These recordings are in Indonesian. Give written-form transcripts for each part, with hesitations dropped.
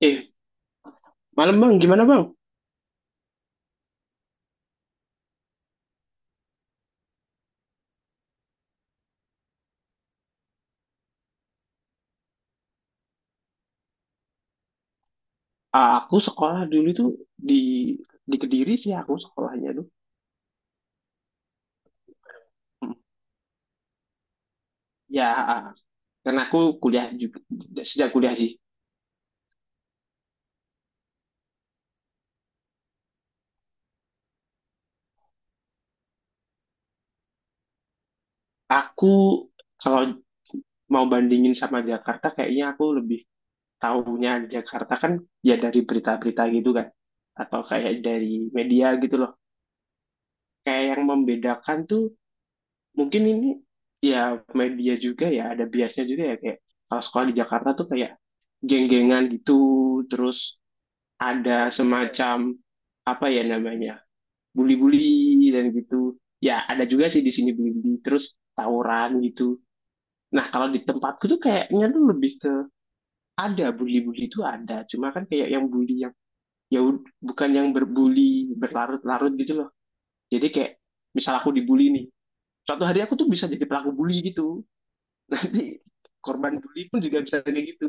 Eh, malam, Bang, gimana, Bang? Aku sekolah dulu tuh di di Kediri sih aku sekolahnya tuh. Hmm. Ya, ah, karena aku kuliah juga sejak kuliah sih. Aku kalau mau bandingin sama Jakarta, kayaknya aku lebih tahunya Jakarta kan ya dari berita-berita gitu kan, atau kayak dari media gitu loh. Kayak yang membedakan tuh mungkin ini ya, media juga ya, ada biasnya juga ya, kayak kalau sekolah di Jakarta tuh kayak geng-gengan gitu, terus ada semacam apa ya namanya bully-bully dan gitu. Ya, ada juga sih di sini bully-bully, terus tawuran gitu. Nah kalau di tempatku tuh kayaknya tuh lebih ke ada bully-bully itu ada, cuma kan kayak yang bully yang bukan yang berbully berlarut-larut gitu loh. Jadi kayak misal aku dibully nih, suatu hari aku tuh bisa jadi pelaku bully gitu. Nanti korban bully pun juga bisa kayak gitu.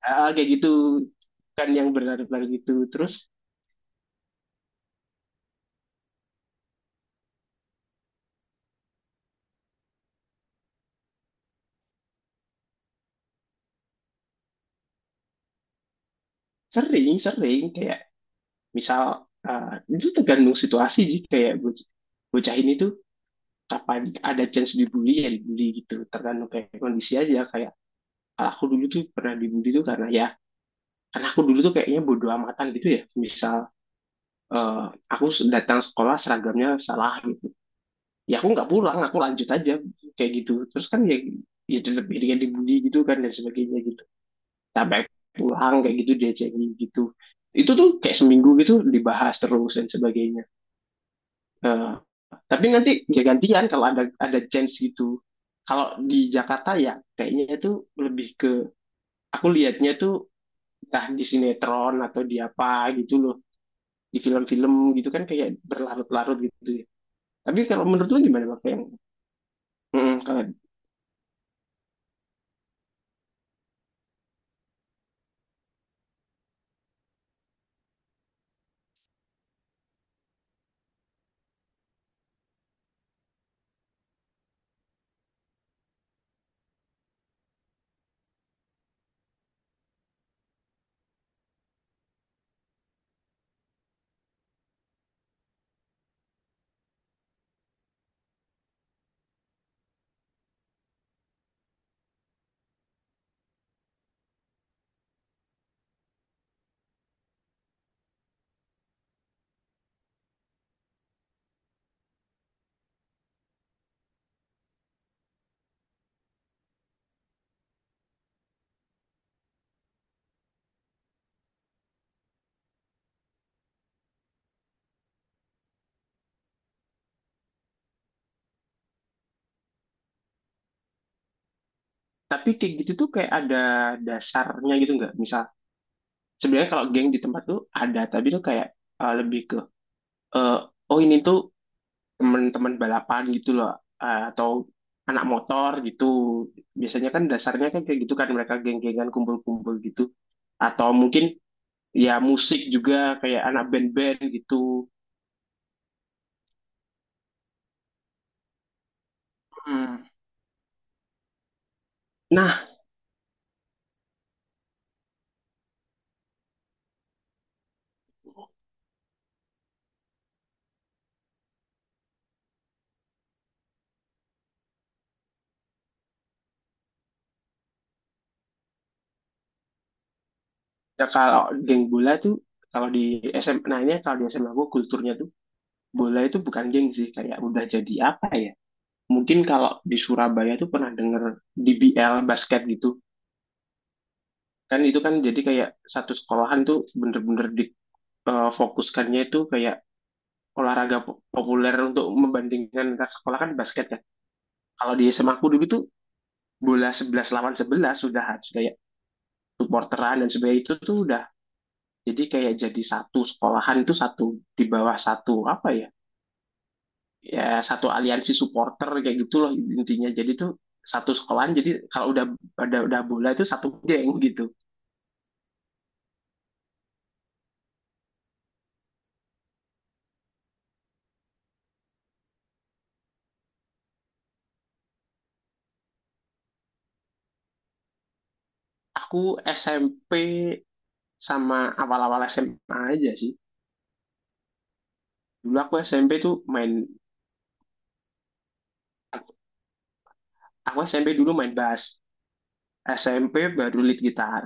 Ah, kayak gitu, kan yang berlarut-larut gitu, terus sering sering kayak. Misal itu tergantung situasi sih, kayak bocah ini tuh kapan ada chance dibully ya dibully gitu. Tergantung kayak kondisi aja, kayak kalau aku dulu tuh pernah dibully tuh karena ya karena aku dulu tuh kayaknya bodo amatan gitu ya. Misal eh, aku datang sekolah seragamnya salah gitu. Ya aku nggak pulang, aku lanjut aja kayak gitu. Terus kan ya, tetap dia dibully gitu kan dan sebagainya gitu. Sampai pulang kayak gitu dia cengin gitu, itu tuh kayak seminggu gitu dibahas terus dan sebagainya. Nah, tapi nanti ya gantian kalau ada chance gitu. Kalau di Jakarta ya kayaknya itu lebih ke, aku lihatnya tuh entah di sinetron atau di apa gitu loh, di film-film gitu kan kayak berlarut-larut gitu ya. Tapi kalau menurut lu gimana, Bang? Kayak, kalau, tapi kayak gitu tuh kayak ada dasarnya gitu nggak? Misal sebenarnya kalau geng di tempat tuh ada, tapi tuh kayak lebih ke, uh, oh ini tuh teman-teman balapan gitu loh, atau anak motor gitu biasanya kan dasarnya kan kayak gitu kan mereka geng-gengan kumpul-kumpul gitu, atau mungkin ya musik juga kayak anak band-band gitu. Hmm. Nah ya kalau geng bola tuh, kalau di SMA-nya kalau di SMA gue kulturnya tuh bola itu bukan geng sih, kayak udah jadi apa ya, mungkin kalau di Surabaya tuh pernah denger DBL basket gitu kan, itu kan jadi kayak satu sekolahan tuh bener-bener di fokuskannya itu kayak olahraga populer untuk membandingkan antar sekolah kan basket ya. Kalau di SMA aku dulu tuh bola 11 lawan 11 sudah harus kayak supporteran dan sebagainya, itu tuh udah jadi kayak jadi satu sekolahan itu satu di bawah satu apa ya, satu aliansi supporter kayak gitu loh intinya, jadi tuh satu sekolahan jadi kalau udah ada udah bola itu satu geng gitu. Aku SMP sama awal-awal SMA aja sih. dulu aku SMP tuh main Aku SMP dulu main bass, SMP baru lead gitar.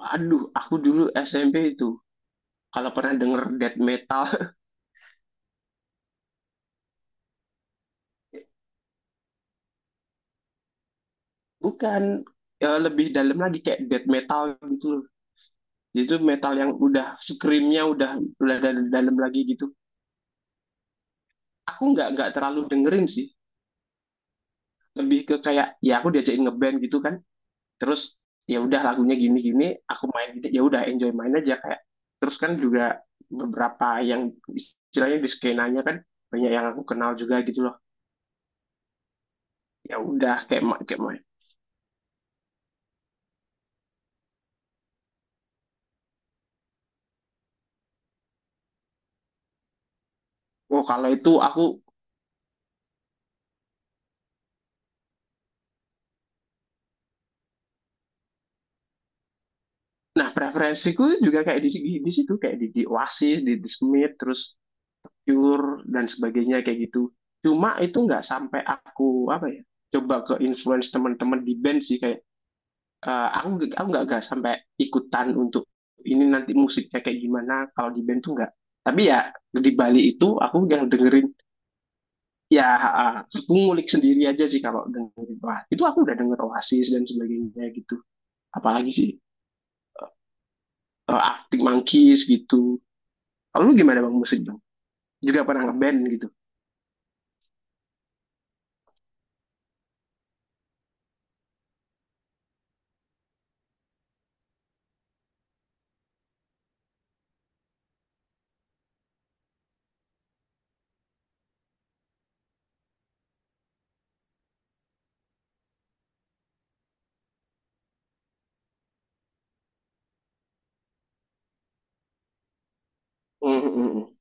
Waduh, aku dulu SMP itu kalau pernah denger death metal, bukan, ya lebih dalam lagi kayak death metal gitu loh. Itu metal yang udah screamnya udah dalam lagi gitu. Aku nggak terlalu dengerin sih, lebih ke kayak ya aku diajakin ngeband gitu kan. Terus ya udah lagunya gini-gini, aku main gitu. Ya udah enjoy main aja kayak. Terus kan juga beberapa yang istilahnya di skenanya kan banyak yang aku kenal juga gitu loh, ya udah kayak kayak mau, oh kalau itu aku, nah preferensiku juga kayak di situ kayak di Oasis, di Smith, terus Cure dan sebagainya kayak gitu. Cuma itu nggak sampai aku apa ya coba ke influence teman-teman di band sih kayak aku, nggak sampai ikutan untuk ini nanti musiknya kayak gimana kalau di band tuh nggak, tapi ya di Bali itu aku yang dengerin ya, aku ngulik sendiri aja sih kalau dengerin, wah itu aku udah denger Oasis dan sebagainya gitu, apalagi sih Arctic Monkeys gitu. Kalau lu gimana, Bang, musik, Bang? Juga pernah ngeband gitu? Mm, mm, mm.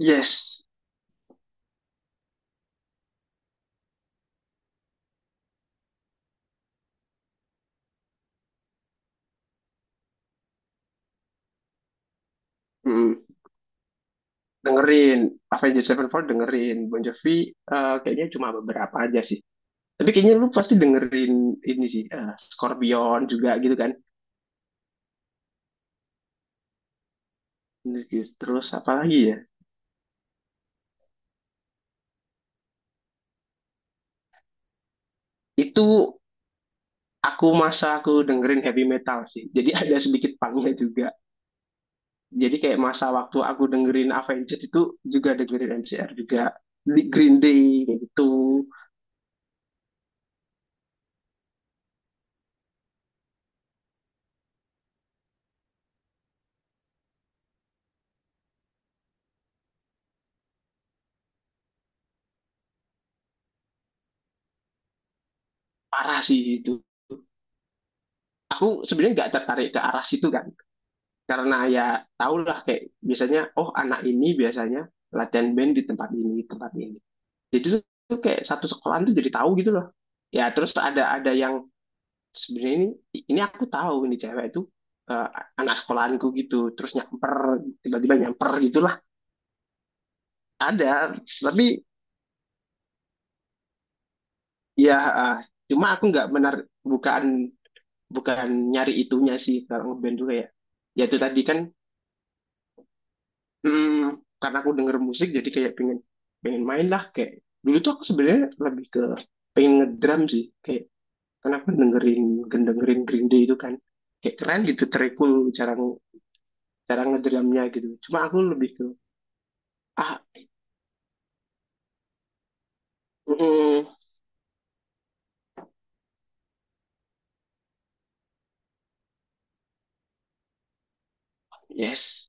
Yes. Mm. Dengerin Avenged Sevenfold, dengerin Bon Jovi, kayaknya cuma beberapa aja sih. Tapi kayaknya lu pasti dengerin ini sih, Scorpion juga gitu kan. Terus apa lagi ya? Itu aku masa aku dengerin heavy metal sih. Jadi ada sedikit punknya juga. Jadi kayak masa waktu aku dengerin Avenged itu juga dengerin MCR juga, di Green Day kayak gitu. Parah sih itu, aku sebenarnya nggak tertarik ke arah situ kan, karena ya tahulah kayak biasanya oh anak ini biasanya latihan band di tempat ini tempat ini, jadi tuh kayak satu sekolahan tuh jadi tahu gitu loh ya, terus ada yang sebenarnya ini aku tahu ini cewek itu, eh, anak sekolahanku gitu, terus nyamper tiba-tiba nyamper gitulah ada, tapi ya eh, cuma aku nggak bukan bukan nyari itunya sih kalau ngeband tuh kayak, ya itu tadi kan. Hmm, karena aku denger musik jadi kayak pengen pengen main lah kayak, dulu tuh aku sebenarnya lebih ke pengen ngedrum sih kayak, karena aku dengerin dengerin Green Day itu kan kayak keren gitu terikul cara cara ngedrumnya gitu, cuma aku lebih ke ah mm, yes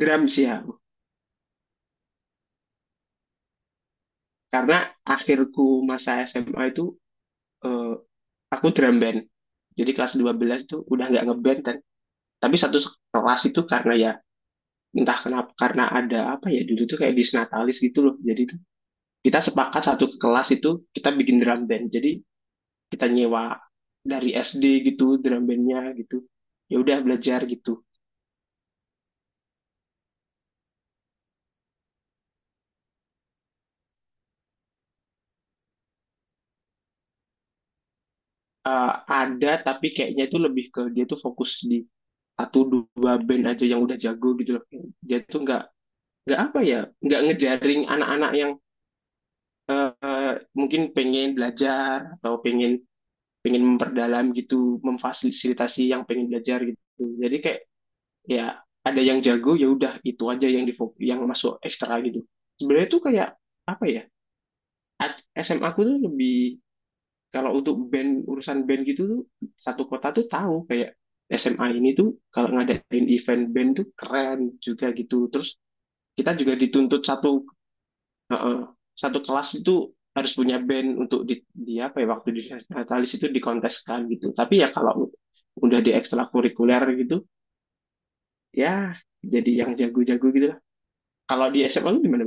drum sih aku, karena akhirku masa SMA itu, eh, aku drum band jadi kelas 12 tuh udah nggak ngeband kan. Tapi satu kelas itu karena ya entah kenapa karena ada apa ya dulu tuh kayak disnatalis gitu loh, jadi tuh kita sepakat satu kelas itu kita bikin drum band, jadi kita nyewa dari SD gitu drum bandnya gitu, ya udah belajar gitu. Ada tapi kayaknya itu lebih ke dia tuh fokus di satu dua band aja yang udah jago gitu loh, dia tuh nggak apa ya nggak ngejaring anak-anak yang, eh, mungkin pengen belajar atau pengen pengen memperdalam gitu memfasilitasi yang pengen belajar gitu, jadi kayak ya ada yang jago ya udah itu aja yang di yang masuk ekstra gitu, sebenarnya tuh kayak apa ya, SMA aku tuh lebih kalau untuk band urusan band gitu tuh satu kota tuh tahu, kayak SMA ini tuh kalau ngadain event band tuh keren juga gitu, terus kita juga dituntut satu, eh, eh, satu kelas itu harus punya band untuk di, apa ya waktu di Natalis itu dikonteskan gitu, tapi ya kalau udah di ekstrakurikuler gitu ya jadi yang jago-jago gitu. Kalau di SMA lu gimana?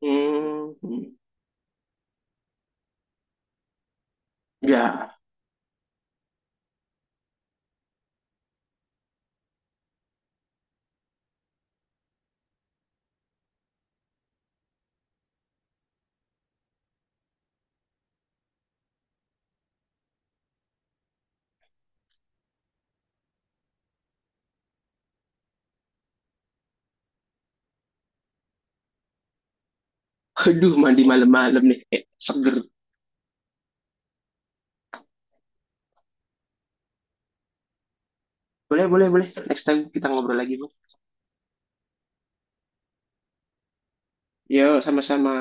Hmm, ya, aduh, mandi malam-malam nih, seger. Boleh, boleh, boleh. Next time kita ngobrol lagi, Bang. Yo, sama-sama.